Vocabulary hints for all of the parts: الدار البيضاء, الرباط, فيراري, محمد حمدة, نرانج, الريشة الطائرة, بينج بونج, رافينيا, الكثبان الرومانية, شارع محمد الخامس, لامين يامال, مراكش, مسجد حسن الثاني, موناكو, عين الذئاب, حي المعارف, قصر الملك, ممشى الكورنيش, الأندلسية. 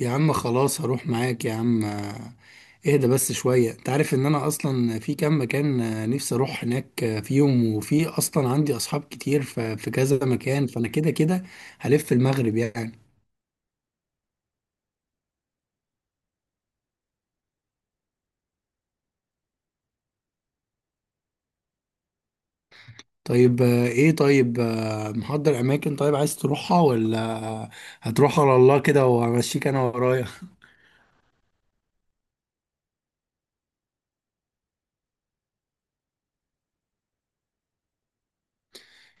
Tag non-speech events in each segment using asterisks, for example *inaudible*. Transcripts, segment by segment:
يا عم، خلاص هروح معاك يا عم. اهدى بس شوية. انت عارف ان انا اصلا في كام مكان، نفسي اروح هناك فيهم، وفي اصلا عندي اصحاب كتير في كذا مكان، فانا كده كده هلف المغرب يعني. طيب ايه؟ طيب محضر اماكن طيب عايز تروحها، ولا هتروح على الله كده وامشيك انا ورايا؟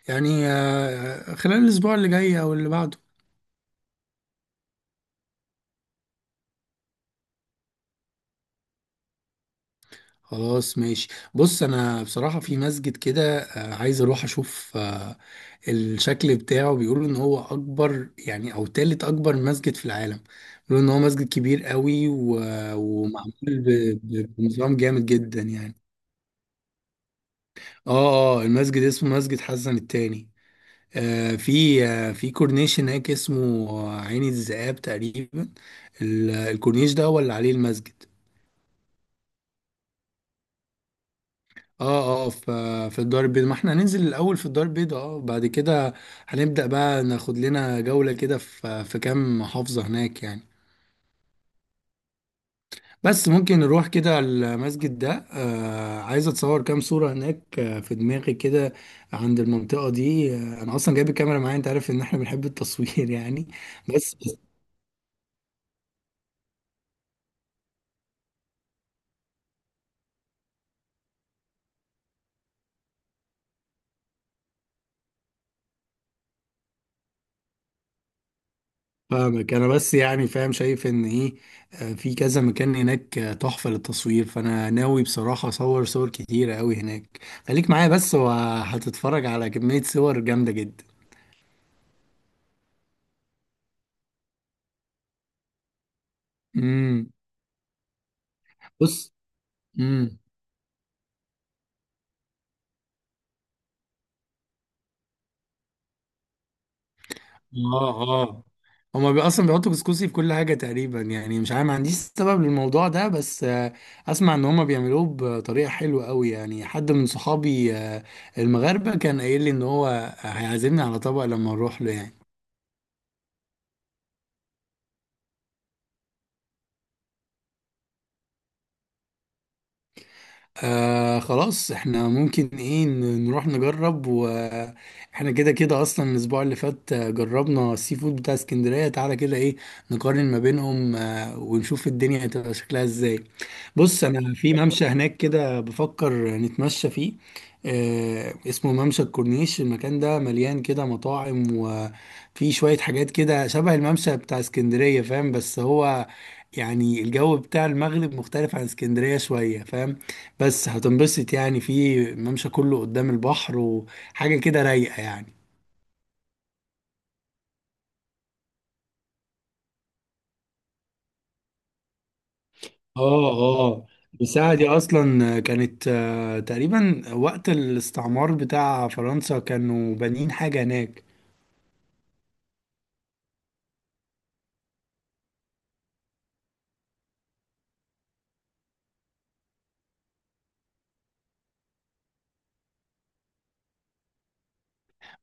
يعني خلال الاسبوع اللي جاي او اللي بعده. خلاص ماشي. بص، انا بصراحة في مسجد كده عايز اروح اشوف الشكل بتاعه. بيقولوا ان هو اكبر يعني، او تالت اكبر مسجد في العالم. بيقولوا ان هو مسجد كبير قوي ومعمول بنظام جامد جدا يعني. اه اه، المسجد اسمه مسجد حسن الثاني. آه، في آه في كورنيش هناك اسمه عين الذئاب تقريبا. الكورنيش ده هو اللي عليه المسجد. اه اه، في الدار البيضاء. ما احنا هننزل الاول في الدار البيضاء، اه بعد كده هنبدأ بقى ناخد لنا جولة كده في كام محافظة هناك يعني. بس ممكن نروح كده المسجد ده. آه، عايز اتصور كام صورة هناك، آه في دماغي كده عند المنطقة دي. آه، انا اصلا جايب الكاميرا معايا، انت عارف ان احنا بنحب التصوير *laughs* يعني. بس فاهمك انا، بس يعني فاهم شايف ان ايه. في كذا مكان هناك تحفة للتصوير، فانا ناوي بصراحة اصور صور كتيرة قوي هناك. خليك معايا بس وهتتفرج على كمية صور جامدة جدا. امم. بص. امم. اه اه، هما بي اصلا بيحطوا كسكسي في كل حاجة تقريبا يعني. مش عارف ما عنديش سبب للموضوع ده، بس اسمع ان هما بيعملوه بطريقة حلوة قوي يعني. حد من صحابي المغاربة كان قايل لي ان هو هيعزمني على طبق لما نروح له يعني. آه خلاص، احنا ممكن ايه نروح نجرب. واحنا كده كده اصلا الاسبوع اللي فات جربنا السي فود بتاع اسكندرية، تعالى كده ايه نقارن ما بينهم آه ونشوف الدنيا هتبقى شكلها ازاي. بص، انا في ممشى هناك كده بفكر نتمشى فيه. آه اسمه ممشى الكورنيش. المكان ده مليان كده مطاعم وفي شوية حاجات كده شبه الممشى بتاع اسكندرية فاهم، بس هو يعني الجو بتاع المغرب مختلف عن اسكندرية شوية فاهم. بس هتنبسط يعني، في ممشى كله قدام البحر وحاجة كده رايقة يعني. اه اه، الساعة دي أصلا كانت تقريبا وقت الاستعمار بتاع فرنسا كانوا بانيين حاجة هناك.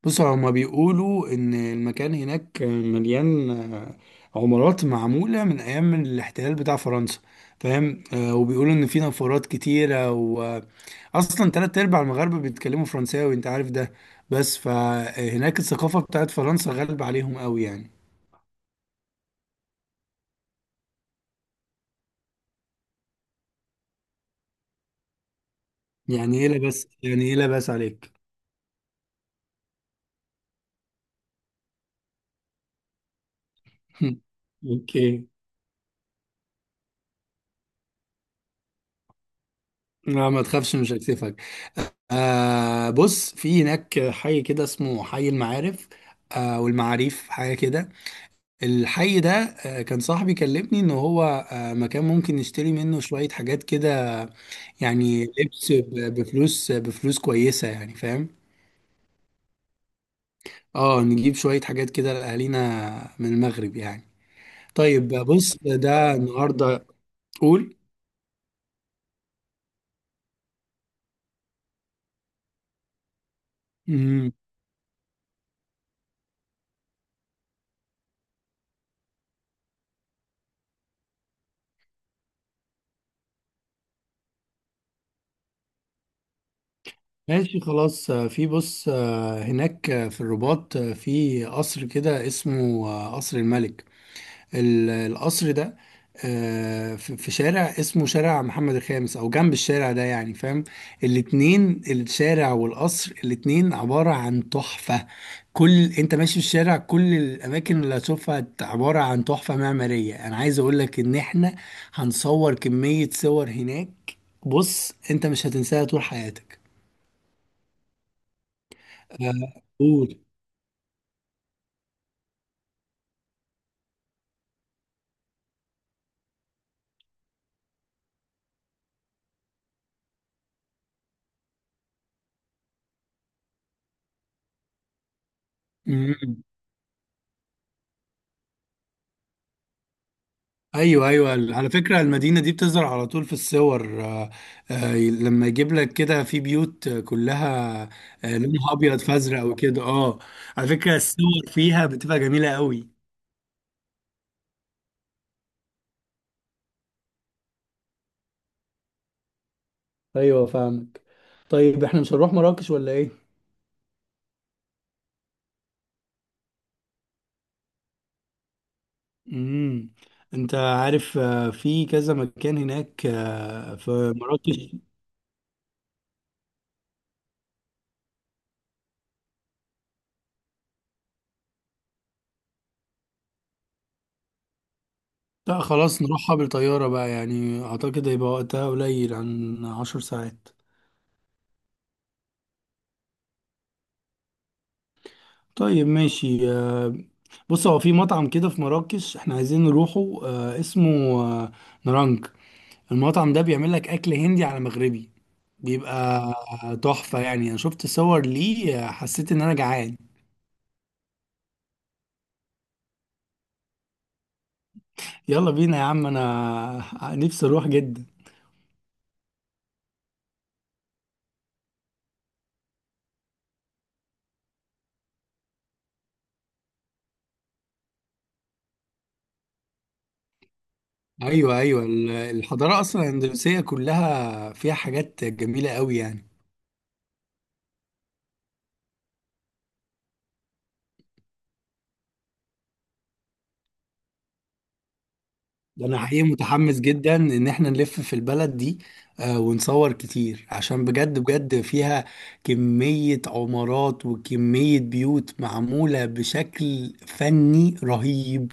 بصوا، هما بيقولوا إن المكان هناك مليان عمارات معمولة من أيام الاحتلال بتاع فرنسا، فاهم؟ وبيقولوا إن في نفورات كتيرة، وأصلا تلات أرباع المغاربة بيتكلموا فرنساوي أنت عارف ده. بس فهناك الثقافة بتاعت فرنسا غالبة عليهم قوي يعني. يعني إيه لبس؟ يعني إيه لبس عليك؟ *laughs* اوكي. لا ما تخافش مش هكسفك. آه بص، في هناك حي كده اسمه حي المعارف. آه والمعاريف حاجه كده. الحي ده كان صاحبي كلمني ان هو مكان ممكن نشتري منه شوية حاجات كده. يعني لبس بفلوس، بفلوس كويسة يعني فاهم. اه نجيب شوية حاجات كده لأهالينا من المغرب يعني. طيب بص ده النهاردة. قول. مم، ماشي خلاص. في بص هناك في الرباط في قصر كده اسمه قصر الملك. القصر ده في في شارع اسمه شارع محمد الخامس، او جنب الشارع ده يعني فاهم. الاتنين، الشارع والقصر، الاتنين عبارة عن تحفة. كل انت ماشي في الشارع كل الاماكن اللي هتشوفها عبارة عن تحفة معمارية. انا عايز اقولك ان احنا هنصور كمية صور هناك، بص انت مش هتنساها طول حياتك. آه، قول. ايوه ايوه، على فكره المدينه دي بتظهر على طول في الصور، لما يجيب لك كده في بيوت كلها لونها ابيض فازرق وكده اه. على فكره الصور فيها بتبقى جميله قوي. ايوه فاهمك. طيب احنا مش هنروح مراكش ولا ايه؟ امم، انت عارف في كذا مكان هناك في مراكش. لا خلاص نروحها بالطياره بقى، يعني اعتقد هيبقى وقتها قليل عن 10 ساعات. طيب ماشي. بص هو في مطعم كده في مراكش احنا عايزين نروحه اسمه آه، نرانج. المطعم ده بيعمل لك اكل هندي على مغربي. بيبقى تحفة يعني، انا شفت صور ليه حسيت ان انا جعان. يلا بينا يا عم، انا نفسي اروح جدا. ايوه ايوه، الحضارة اصلا الاندلسية كلها فيها حاجات جميلة قوي يعني. ده انا حقيقي متحمس جدا ان احنا نلف في البلد دي، ونصور كتير عشان بجد بجد فيها كمية عمارات وكمية بيوت معمولة بشكل فني رهيب،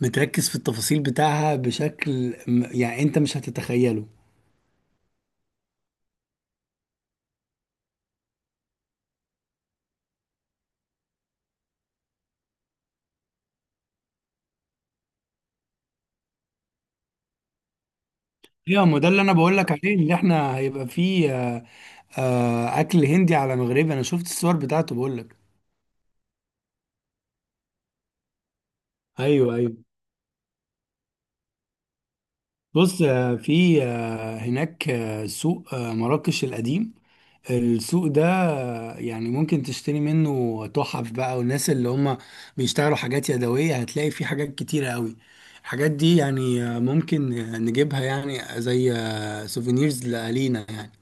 متركز في التفاصيل بتاعها بشكل يعني انت مش هتتخيله. ايوه ما ده اللي انا بقول لك عليه، اللي احنا هيبقى فيه. اكل هندي على مغربي، انا شفت الصور بتاعته بقول لك. ايوه ايوه. بص في هناك سوق مراكش القديم. السوق ده يعني ممكن تشتري منه تحف بقى. والناس اللي هم بيشتغلوا حاجات يدوية هتلاقي فيه حاجات كتيرة قوي. الحاجات دي يعني ممكن نجيبها يعني، زي سوفينيرز لألينا يعني.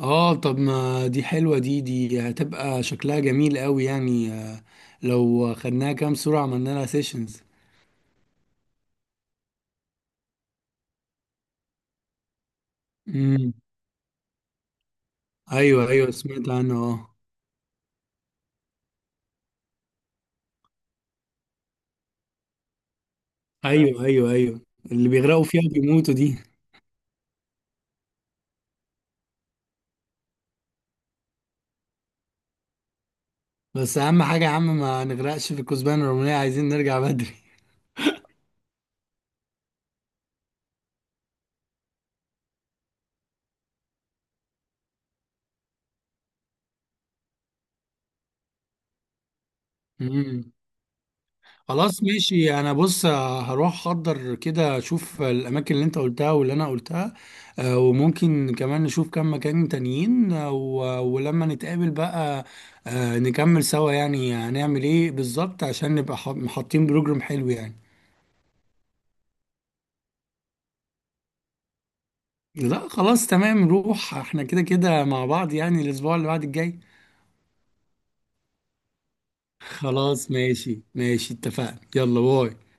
اه طب ما دي حلوة، دي هتبقى شكلها جميل قوي يعني، لو خدناها كام صورة عملنا لها سيشنز. امم. ايوه ايوه سمعت عنه اه. ايوه ايوه ايوه، اللي بيغرقوا فيها بيموتوا دي. بس اهم حاجه يا عم ما نغرقش في الكثبان الرومانيه، عايزين نرجع بدري. *laughs* امم. خلاص ماشي. انا بص هروح احضر كده، اشوف الاماكن اللي انت قلتها واللي انا قلتها، وممكن كمان نشوف كم مكان تانيين، ولما نتقابل بقى نكمل سوا يعني هنعمل ايه بالظبط عشان نبقى حاطين بروجرام حلو يعني. لا خلاص تمام، نروح احنا كده كده مع بعض يعني الاسبوع اللي بعد الجاي. خلاص ماشي ماشي اتفقنا، يلا باي.